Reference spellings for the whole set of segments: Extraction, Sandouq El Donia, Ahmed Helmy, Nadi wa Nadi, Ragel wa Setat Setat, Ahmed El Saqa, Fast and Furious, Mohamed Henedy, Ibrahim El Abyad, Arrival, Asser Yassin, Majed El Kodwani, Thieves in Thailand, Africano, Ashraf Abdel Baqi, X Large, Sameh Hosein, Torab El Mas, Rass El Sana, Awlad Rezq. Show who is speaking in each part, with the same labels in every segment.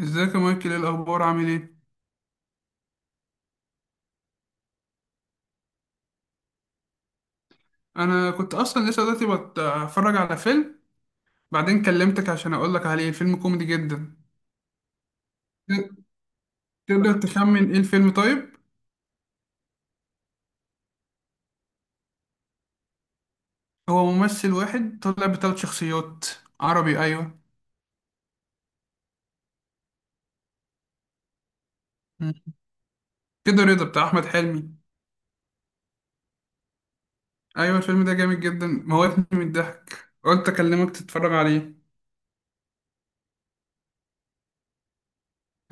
Speaker 1: ازيك يا مايكل، ايه الاخبار؟ عامل ايه؟ انا كنت اصلا لسه دلوقتي بتفرج على فيلم، بعدين كلمتك عشان اقول لك عليه. الفيلم كوميدي جدا. ت- تقدر تخمن ايه الفيلم؟ طيب، هو ممثل واحد طلع بثلاث شخصيات. عربي، ايوه. مم. كده رضا بتاع احمد حلمي. ايوه الفيلم ده جامد جدا، موتني من الضحك، قلت اكلمك تتفرج عليه.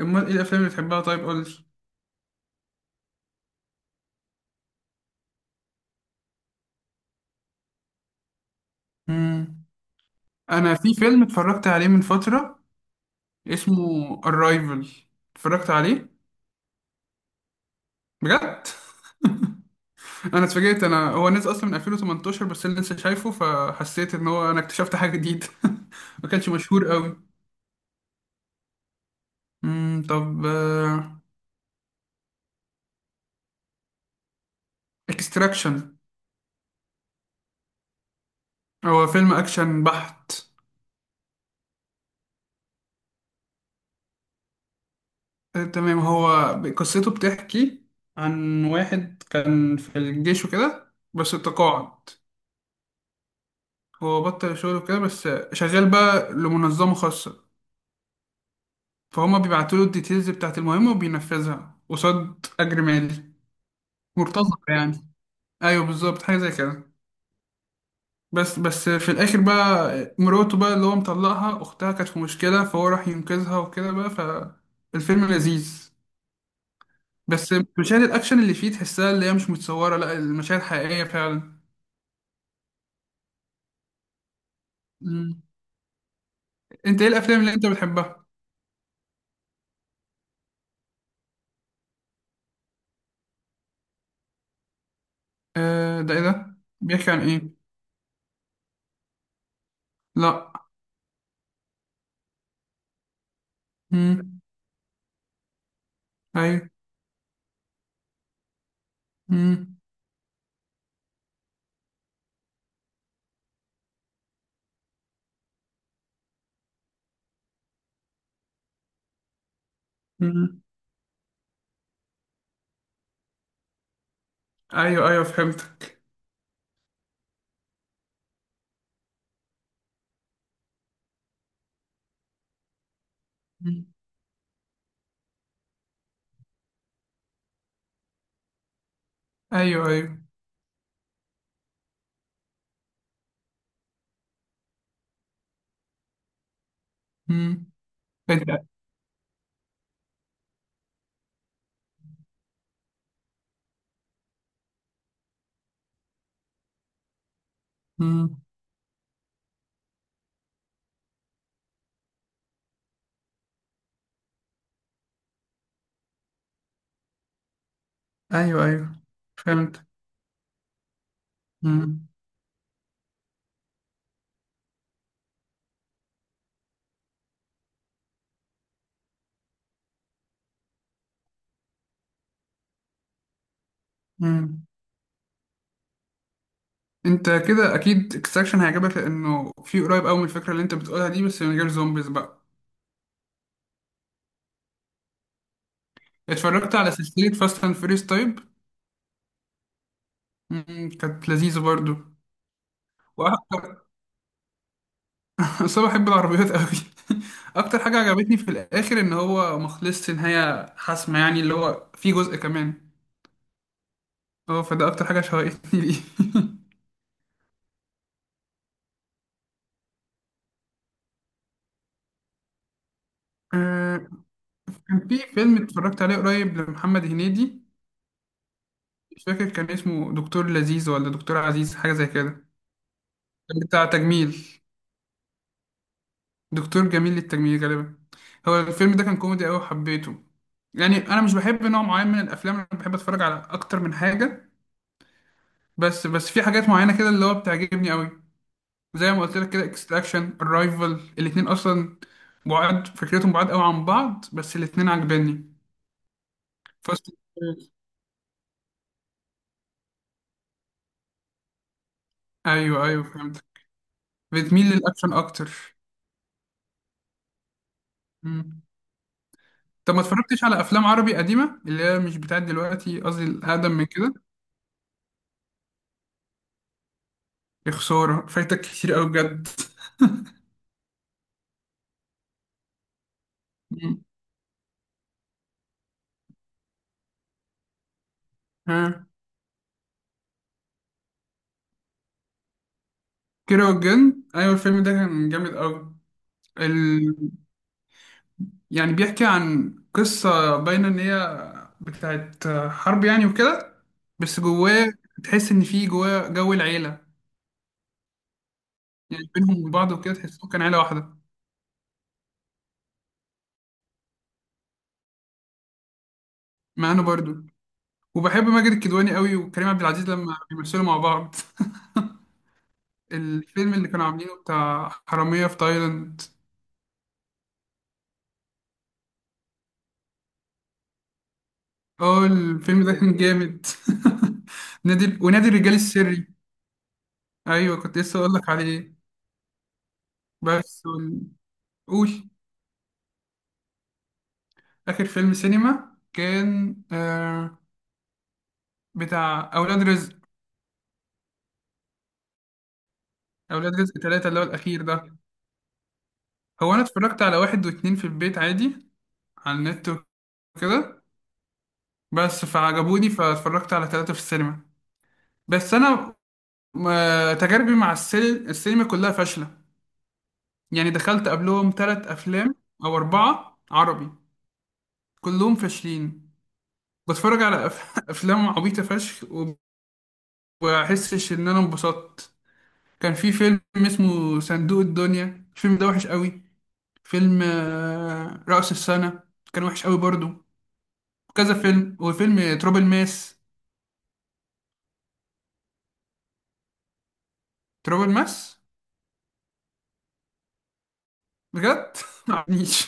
Speaker 1: امال ايه الافلام اللي بتحبها؟ طيب قول لي. مم. انا في فيلم اتفرجت عليه من فترة اسمه Arrival. اتفرجت عليه بجد. انا اتفاجئت، انا هو نزل اصلا من 2018 بس انا لسه شايفه فحسيت ان هو انا اكتشفت حاجه جديده. ما كانش مشهور قوي. طب، اكستراكشن هو فيلم اكشن بحت. آه، تمام. هو قصته بتحكي عن واحد كان في الجيش وكده بس اتقاعد. هو بطل شغله كده بس، شغال بقى لمنظمه خاصه. فهما بيبعتوا له الديتيلز بتاعت المهمه وبينفذها قصاد اجر مالي. مرتزقه يعني، ايوه بالظبط حاجه زي كده. بس في الاخر بقى مراته بقى اللي هو مطلقها اختها كانت في مشكله، فهو راح ينقذها وكده بقى، فالفيلم لذيذ. بس مشاهد الاكشن اللي فيه تحسها اللي هي مش متصوره، لا المشاهد حقيقيه فعلا. مم. انت ايه الافلام اللي انت بتحبها؟ آه ده، ايه ده بيحكي عن ايه؟ لا. مم. ايوه. مم. مم. ايوه ايوه، فهمتك. مم. ايوه ايوه. مم. انت. مم. ايوه ايوه، فهمت. مم. مم. انت كده اكيد اكستراكشن هيعجبك، لانه في قريب قوي من الفكره اللي انت بتقولها دي، بس من غير زومبيز بقى. اتفرجت على سلسله فاست اند فيريس طيب؟ كانت لذيذه برضو. واكتر. بس انا بحب العربيات قوي. اكتر حاجه عجبتني في الاخر ان هو ما خلصش نهايه حاسمه يعني اللي هو في جزء كمان. اه، فده اكتر حاجه شوقتني ليه. آه، كان في فيلم اتفرجت عليه قريب لمحمد هنيدي. مش فاكر كان اسمه دكتور لذيذ ولا دكتور عزيز، حاجه زي كده. كان بتاع تجميل، دكتور جميل للتجميل غالبا. هو الفيلم ده كان كوميدي قوي وحبيته. يعني انا مش بحب نوع معين من الافلام، انا بحب اتفرج على اكتر من حاجه. بس في حاجات معينه كده اللي هو بتعجبني قوي. زي ما قلت لك كده اكستراكشن الرايفل الاتنين اصلا، بعاد فكرتهم بعاد قوي عن بعض بس الاتنين عجباني. فاست. ايوه ايوه، فهمت. بتميل للاكشن اكتر. مم. طب ما اتفرجتش على افلام عربي قديمه اللي هي مش بتاعت دلوقتي، قصدي الاقدم من كده. يا خساره، فايتك كتير قوي بجد. مم. ها. كيرة والجن أيوة، الفيلم ده كان جامد أوي. ال... يعني بيحكي عن قصة باينة إن هي بتاعت حرب يعني وكده. بس جواه تحس إن في جواه جو العيلة، يعني بينهم وبعض وكده تحسهم كان عيلة واحدة. ما أنا برضو، وبحب ماجد الكدواني أوي وكريم عبد العزيز لما بيمثلوا مع بعض. الفيلم اللي كانوا عاملينه بتاع حرامية في تايلاند. اه الفيلم ده كان جامد. ونادي الرجال السري. أيوة كنت لسه أقول لك عليه. بس قول. آخر فيلم سينما كان بتاع أولاد رزق. أولاد رزق تلاتة اللي هو الأخير ده. هو أنا اتفرجت على واحد واتنين في البيت عادي، على النت وكده. بس فعجبوني فاتفرجت على تلاتة في السينما. بس أنا تجاربي مع السينما كلها فاشلة. يعني دخلت قبلهم تلات أفلام أو أربعة عربي، كلهم فاشلين. بتفرج على أفلام عبيطة فشخ. وبحسش إن أنا انبسطت. كان في فيلم اسمه صندوق الدنيا، الفيلم ده وحش قوي. فيلم رأس السنة كان وحش قوي برضو. كذا فيلم، وفيلم تراب الماس. تراب الماس، بجد. معرفنيش.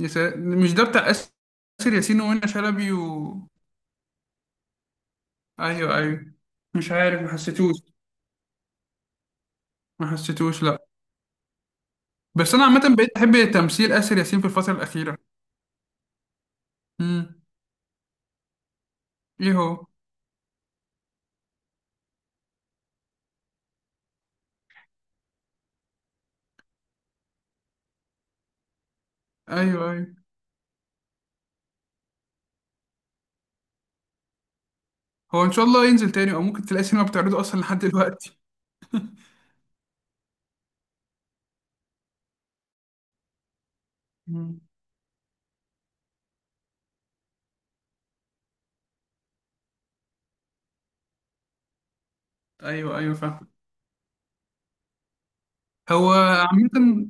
Speaker 1: مش ده بتاع آسر ياسين ومنى شلبي. ايوه ايوه، مش عارف، ما حسيتوش. ما حسيتوش، لا. بس انا عامة بقيت احب تمثيل آسر ياسين في الفترة الأخيرة. امم ايه هو؟ ايوه ايوه، هو ان شاء الله ينزل تاني او ممكن تلاقي سينما بتعرضه اصلا لحد دلوقتي. مم. ايوه ايوه، فاهم. هو عامة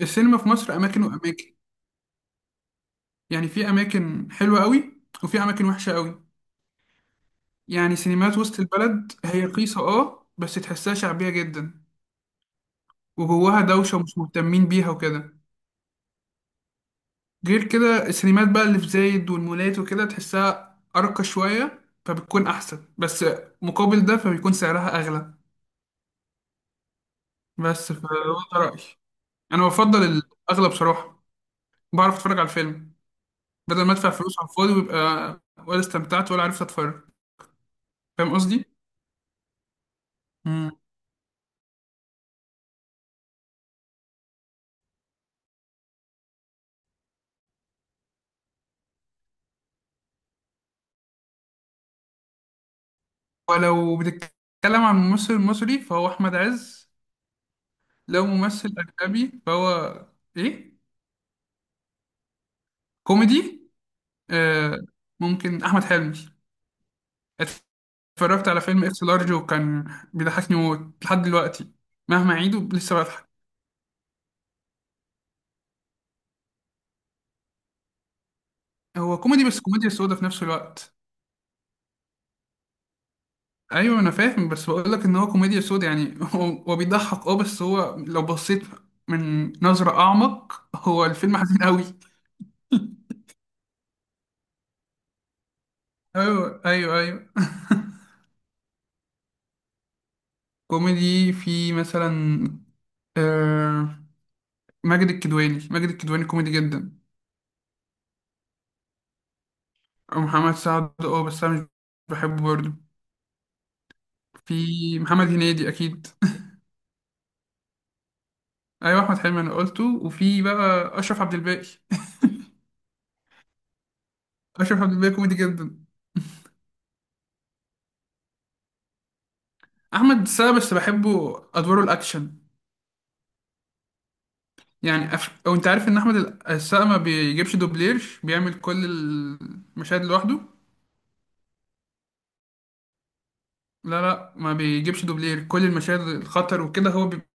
Speaker 1: السينما في مصر أماكن وأماكن. يعني في أماكن حلوة قوي وفي أماكن وحشة قوي. يعني سينمات وسط البلد هي رخيصة، اه بس تحسها شعبية جدا، وجواها دوشة ومش مهتمين بيها وكده. غير كده السينمات بقى اللي في زايد والمولات وكده تحسها أرقى شوية فبتكون أحسن، بس مقابل ده فبيكون سعرها أغلى. بس فده رأيي. أنا بفضل الأغلى بصراحة، بعرف أتفرج على الفيلم، بدل ما أدفع فلوس على الفاضي ويبقى ولا استمتعت ولا عرفت أتفرج. فاهم قصدي؟ مم. ولو بتتكلم عن ممثل مصري فهو أحمد عز. لو ممثل أجنبي فهو إيه؟ كوميدي. آه، ممكن أحمد حلمي. اتفرجت على فيلم اكس لارج وكان بيضحكني موت لحد دلوقتي، مهما أعيده لسه بضحك. هو كوميدي بس كوميديا سودا في نفس الوقت. أيوه أنا فاهم، بس بقول لك إن هو كوميديا سودا يعني. هو بيضحك أه، بس هو لو بصيت من نظرة أعمق هو الفيلم حزين أوي. أيوه أيوه أيوه. كوميدي في مثلا آه ماجد الكدواني، ماجد الكدواني كوميدي جدا. ومحمد سعد اه، بس انا مش بحبه برضه. في محمد هنيدي اكيد. ايوه احمد حلمي انا قلته، وفي بقى اشرف عبد الباقي. اشرف عبد الباقي كوميدي جدا. احمد السقا بس بحبه ادواره الاكشن. يعني او انت عارف ان احمد السقا ما بيجيبش دوبلير، بيعمل كل المشاهد لوحده. لا، لا، ما بيجيبش دوبلير. كل المشاهد الخطر وكده هو بيبقى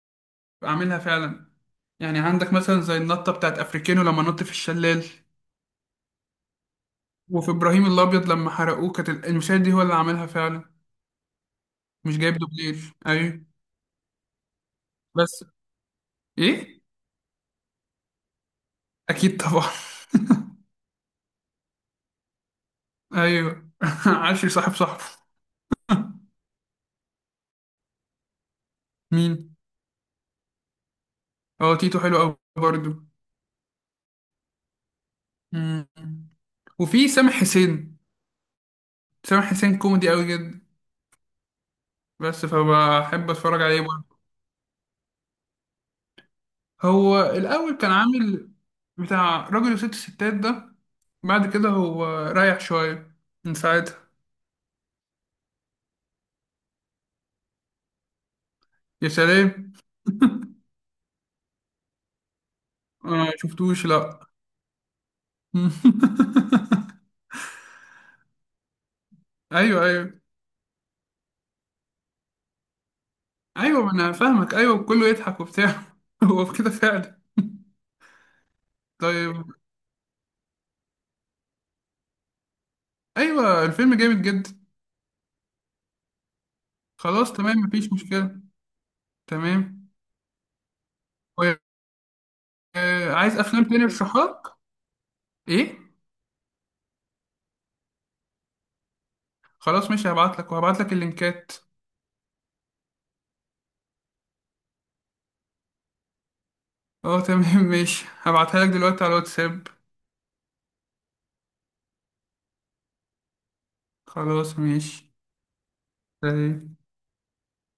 Speaker 1: عاملها فعلا. يعني عندك مثلا زي النطة بتاعت أفريكانو لما نط في الشلال، وفي إبراهيم الأبيض لما حرقوه، كانت المشاهد دي هو اللي عاملها فعلا. مش جايب دوبلير، أيوه. بس. إيه؟ أكيد طبعا، أيوه. عشري صاحبه. مين؟ هو تيتو حلو أوي برضه. مم. وفي سامح حسين. سامح حسين كوميدي أوي جدا، بس فبحب أتفرج عليه برضه. هو الأول كان عامل بتاع راجل وست ستات ده. بعد كده هو رايح شوية من ساعتها. يا سلام. آه، ما شفتوش لا. ايوه ايوه ايوه، ما انا فاهمك، ايوه كله يضحك وبتاع. هو في كده فعلا. طيب. ايوه الفيلم جامد جدا. خلاص تمام، مفيش مشكله. تمام. و- عايز افلام تاني ارشحها لك. ايه، خلاص ماشي، هبعت لك اللينكات. اه تمام. ماشي هبعتها لك دلوقتي على الواتساب. خلاص ماشي، سلام.